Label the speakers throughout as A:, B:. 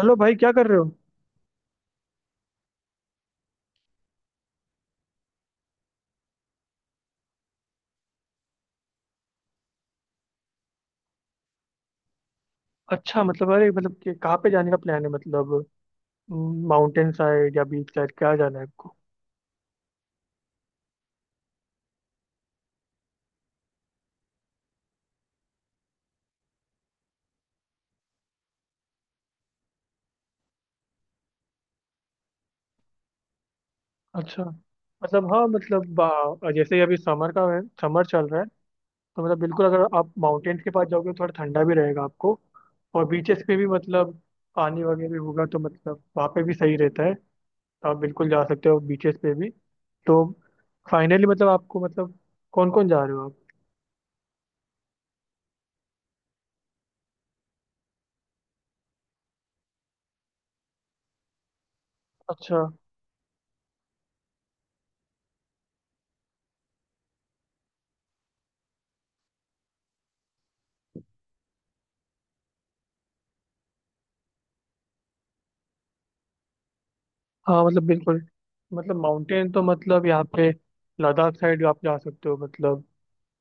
A: Hello भाई, क्या कर रहे हो? अच्छा मतलब, अरे मतलब कि कहाँ पे जाने का प्लान है मतलब? माउंटेन साइड या बीच साइड, क्या जाना है आपको? अच्छा मतलब हाँ मतलब जैसे ही अभी समर का है, समर चल रहा है। तो मतलब बिल्कुल, अगर आप माउंटेन्स के पास जाओगे तो थोड़ा ठंडा भी रहेगा आपको। और बीचेस पे भी मतलब पानी वगैरह भी होगा, तो मतलब वहाँ पे भी सही रहता है। तो आप बिल्कुल जा सकते हो बीचेस पे भी। तो फाइनली मतलब आपको मतलब कौन कौन जा रहे हो आप? अच्छा। हाँ मतलब बिल्कुल, मतलब माउंटेन तो मतलब यहाँ पे लद्दाख साइड आप जा सकते हो। मतलब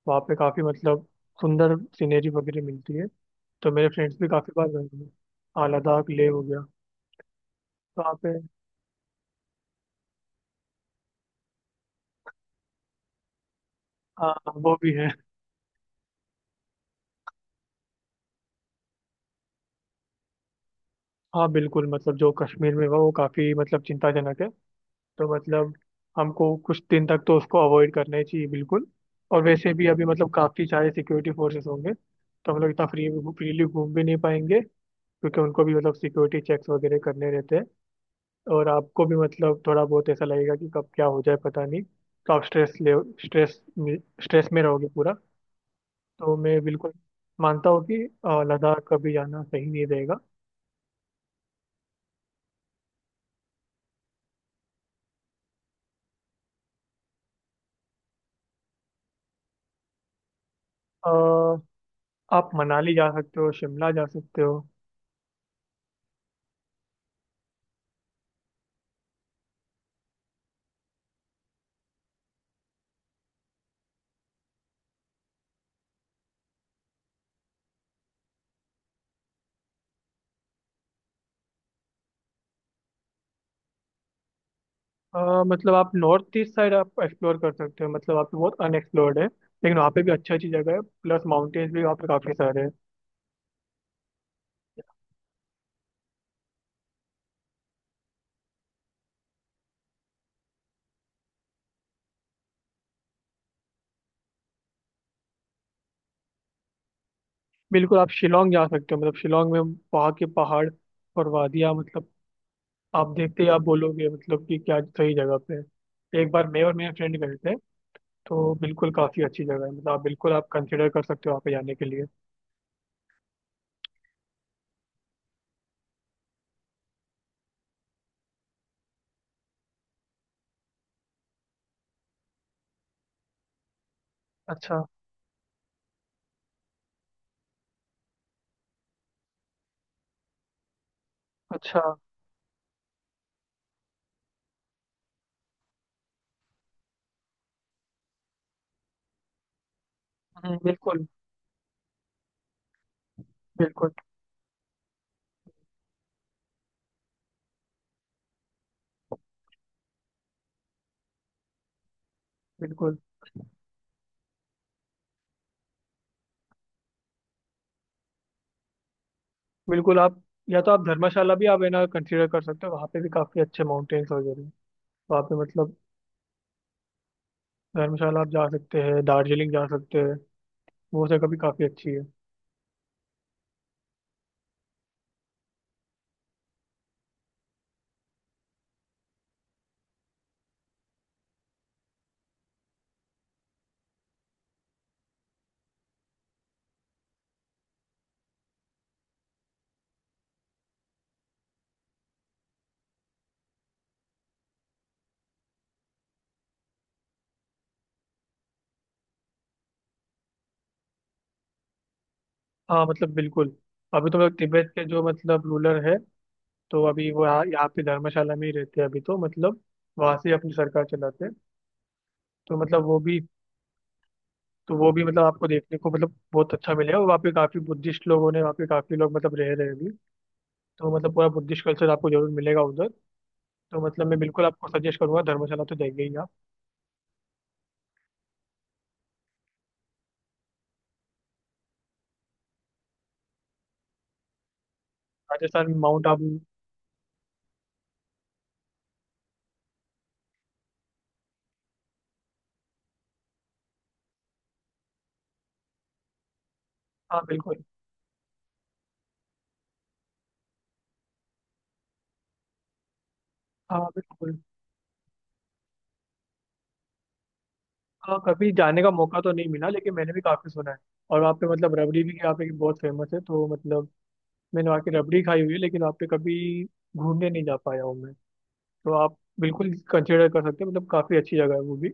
A: वहाँ पे काफ़ी मतलब सुंदर सीनरी वगैरह मिलती है। तो मेरे फ्रेंड्स भी काफ़ी बार गए हैं। हाँ, लद्दाख लेह हो गया। तो वहाँ पे, हाँ वो भी है। हाँ बिल्कुल, मतलब जो कश्मीर में हुआ वो काफ़ी मतलब चिंताजनक है। तो मतलब हमको कुछ दिन तक तो उसको अवॉइड करना ही चाहिए बिल्कुल। और वैसे भी अभी मतलब काफ़ी सारे सिक्योरिटी फोर्सेस होंगे, तो हम लोग इतना फ्रीली घूम भी नहीं पाएंगे, क्योंकि उनको भी मतलब सिक्योरिटी चेक्स वगैरह करने रहते हैं। और आपको भी मतलब थोड़ा बहुत ऐसा लगेगा कि कब क्या हो जाए पता नहीं, तो आप स्ट्रेस में स्ट्रेस में रहोगे पूरा। तो मैं बिल्कुल मानता हूँ कि लद्दाख कभी जाना सही नहीं रहेगा। अ, आप मनाली जा सकते हो, शिमला जा सकते हो। अ, मतलब आप नॉर्थ ईस्ट साइड आप एक्सप्लोर कर सकते हो। मतलब आप बहुत अनएक्सप्लोर्ड है, लेकिन वहाँ पे भी अच्छी अच्छी जगह है, प्लस माउंटेन्स भी वहाँ पे काफ़ी सारे हैं। बिल्कुल आप शिलोंग जा सकते हो, मतलब शिलोंग में वहाँ के पहाड़ और वादियाँ मतलब आप देखते ही आप बोलोगे मतलब कि क्या सही जगह पे है। एक बार मैं और मेरे फ्रेंड गए थे। तो बिल्कुल काफ़ी अच्छी जगह है, मतलब आप बिल्कुल आप कंसिडर कर सकते हो वहाँ पे जाने के लिए। अच्छा अच्छा। बिल्कुल। बिल्कुल। बिल्कुल। बिल्कुल आप, या तो आप धर्मशाला भी आप है ना कंसिडर कर सकते हो, वहाँ पे भी काफ़ी अच्छे माउंटेन्स वगैरह हैं वहाँ पे मतलब। धर्मशाला आप जा सकते हैं, दार्जिलिंग जा सकते हैं। वो जगह भी काफ़ी अच्छी है। हाँ मतलब बिल्कुल, अभी तो मतलब तिब्बत के जो मतलब रूलर है, तो अभी वो यहाँ यहाँ पे धर्मशाला में ही रहते हैं अभी, तो मतलब वहाँ से अपनी सरकार चलाते हैं। तो मतलब वो भी तो वो भी मतलब आपको देखने को मतलब बहुत अच्छा मिलेगा। वहाँ पे काफी बुद्धिस्ट लोगों ने वहाँ पे काफी लोग मतलब रह रहे हैं अभी। तो मतलब पूरा बुद्धिस्ट कल्चर आपको जरूर मिलेगा उधर। तो मतलब मैं बिल्कुल आपको सजेस्ट करूंगा, धर्मशाला तो जाइए ही आप। राजस्थान में माउंट आबू? हाँ बिल्कुल। हाँ बिल्कुल। हाँ कभी जाने का मौका तो नहीं मिला, लेकिन मैंने भी काफी सुना है। और वहाँ पे मतलब रबड़ी भी यहाँ पे बहुत फेमस है, तो मतलब मैंने वहाँ की रबड़ी खाई हुई है, लेकिन वहाँ पे कभी घूमने नहीं जा पाया हूँ मैं। तो आप बिल्कुल कंसिडर कर सकते हैं, मतलब काफ़ी अच्छी जगह है वो भी।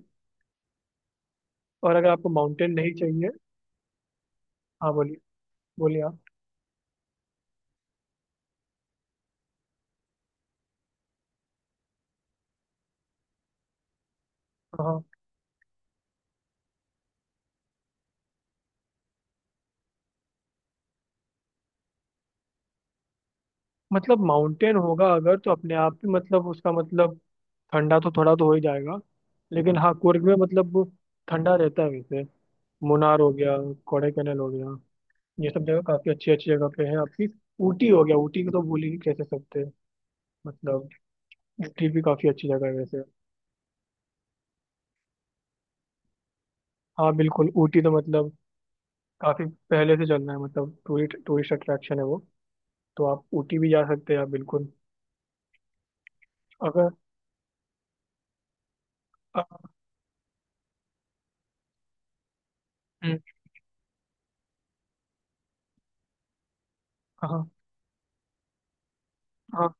A: और अगर आपको माउंटेन नहीं चाहिए। हाँ बोलिए। बोलिए आप। हाँ मतलब माउंटेन होगा अगर, तो अपने आप ही मतलब उसका मतलब ठंडा तो थोड़ा तो हो ही जाएगा। लेकिन हाँ, कुर्ग में मतलब वो ठंडा रहता है वैसे। मुनार हो गया, कोडाईकनाल हो गया, ये सब जगह काफ़ी अच्छी अच्छी जगह पे है आपकी। ऊटी हो गया, ऊटी को तो भूल ही नहीं कैसे सकते मतलब। ऊटी भी काफ़ी अच्छी जगह है वैसे। हाँ बिल्कुल, ऊटी तो मतलब काफ़ी पहले से चलना है, मतलब टूरिस्ट टूरिस्ट अट्रैक्शन है वो। तो आप ऊटी भी जा सकते हैं आप बिल्कुल। अगर आप। हम्म, हाँ। हाँ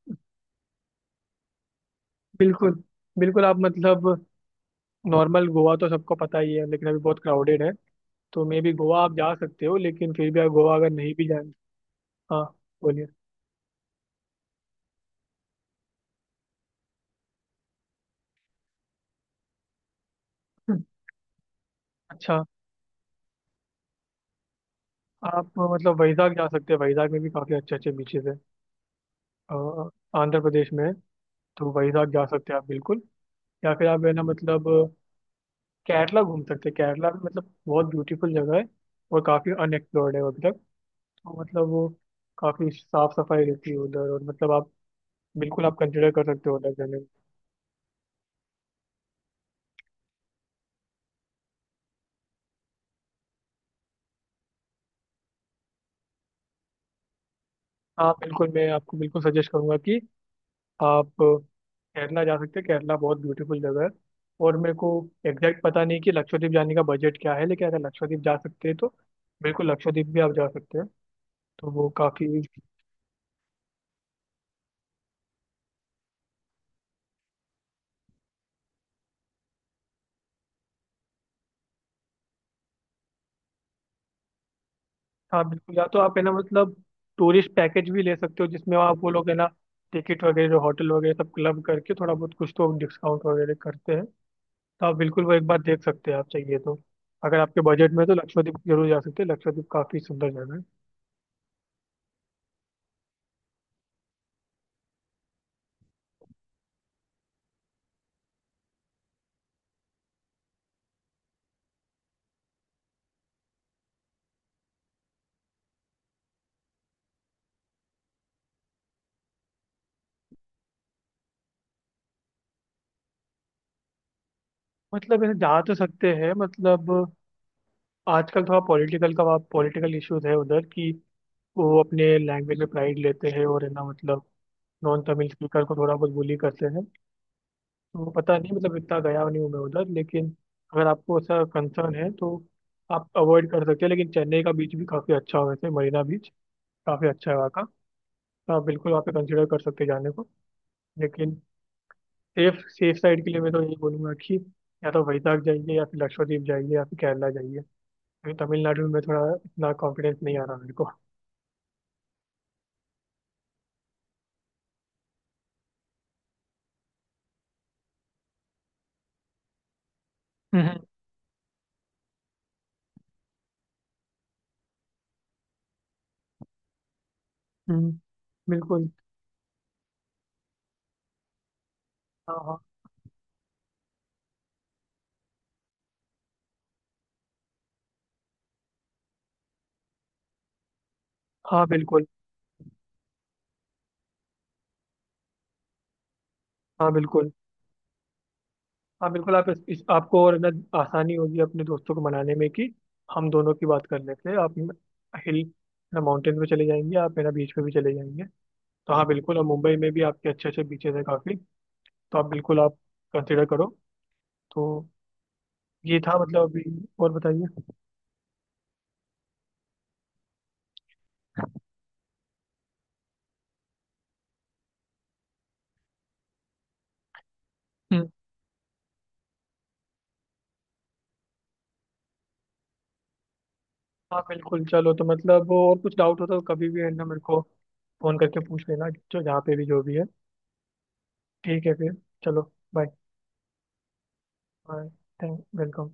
A: बिल्कुल। बिल्कुल आप मतलब नॉर्मल गोवा तो सबको पता ही है, लेकिन अभी बहुत क्राउडेड है। तो मे बी गोवा आप जा सकते हो, लेकिन फिर भी आप गोवा अगर नहीं भी जाए। हाँ बोलिए। हम्म, अच्छा। आप मतलब वैजाग जा सकते हैं, वैजाग में भी काफ़ी अच्छे अच्छे बीचेस हैं। अ, आंध्र प्रदेश में है, तो वैजाग जा सकते हैं आप बिल्कुल। या फिर आप है ना मतलब केरला घूम सकते हैं। केरला भी मतलब बहुत ब्यूटीफुल जगह है, और काफ़ी अनएक्सप्लोर्ड है अभी तक। और मतलब वो काफी साफ सफाई रहती है उधर, और मतलब आप बिल्कुल आप कंसिडर कर सकते हो उधर जाने का। हाँ बिल्कुल, मैं आपको बिल्कुल सजेस्ट करूंगा कि आप केरला जा सकते हैं, केरला बहुत ब्यूटीफुल जगह है। और मेरे को एग्जैक्ट पता नहीं कि लक्षद्वीप जाने का बजट क्या है, लेकिन अगर लक्षद्वीप जा सकते हैं तो बिल्कुल लक्षद्वीप भी आप जा सकते हैं। तो वो काफी। हाँ बिल्कुल, या तो आप है ना मतलब टूरिस्ट पैकेज भी ले सकते हो, जिसमें आप वो लोग है ना टिकट वगैरह होटल वगैरह सब क्लब करके थोड़ा बहुत कुछ तो डिस्काउंट वगैरह करते हैं। तो आप बिल्कुल वो एक बार देख सकते हैं आप चाहिए तो। अगर आपके बजट में है तो लक्षद्वीप जरूर जा सकते हैं, लक्षद्वीप काफी सुंदर जगह है। मतलब ऐसे जा तो सकते हैं मतलब, आजकल थोड़ा पॉलिटिकल का वहाँ पॉलिटिकल इश्यूज है उधर, कि वो अपने लैंग्वेज में प्राइड लेते हैं और है ना मतलब नॉन तमिल स्पीकर को थोड़ा बहुत बुली करते हैं। तो पता नहीं मतलब, इतना गया नहीं हूँ मैं उधर, लेकिन अगर आपको ऐसा कंसर्न है तो आप अवॉइड कर सकते हैं। लेकिन चेन्नई का बीच भी काफी अच्छा है वैसे, मरीना बीच काफी अच्छा है वहाँ का। तो आप बिल्कुल वहाँ पे कंसिडर कर सकते हैं जाने को। लेकिन सेफ सेफ साइड के लिए मैं तो यही बोलूंगा कि या तो वैशाख जाइए, या फिर लक्षद्वीप जाइए, या फिर केरला जाइए। अभी तमिलनाडु में थोड़ा इतना कॉन्फिडेंस नहीं आ रहा मेरे को। हम्म हम्म, बिल्कुल। हाँ हाँ। हाँ बिल्कुल। हाँ बिल्कुल। हाँ बिल्कुल आप इस आपको और ना आसानी होगी अपने दोस्तों को मनाने में, कि हम दोनों की बात कर लेते हैं आप हिल ना माउंटेन पे चले जाएंगे, आप मेरा बीच पे भी चले जाएंगे। तो हाँ बिल्कुल, और मुंबई में भी आपके अच्छे अच्छे बीचेस हैं काफ़ी। तो आप बिल्कुल आप कंसिडर करो। तो ये था मतलब अभी। और बताइए। हाँ बिल्कुल, चलो। तो मतलब और कुछ डाउट हो तो कभी भी है ना मेरे को फोन करके पूछ लेना, जो जहाँ पे भी जो भी है। ठीक है फिर, चलो बाय। बाय। Thank welcome.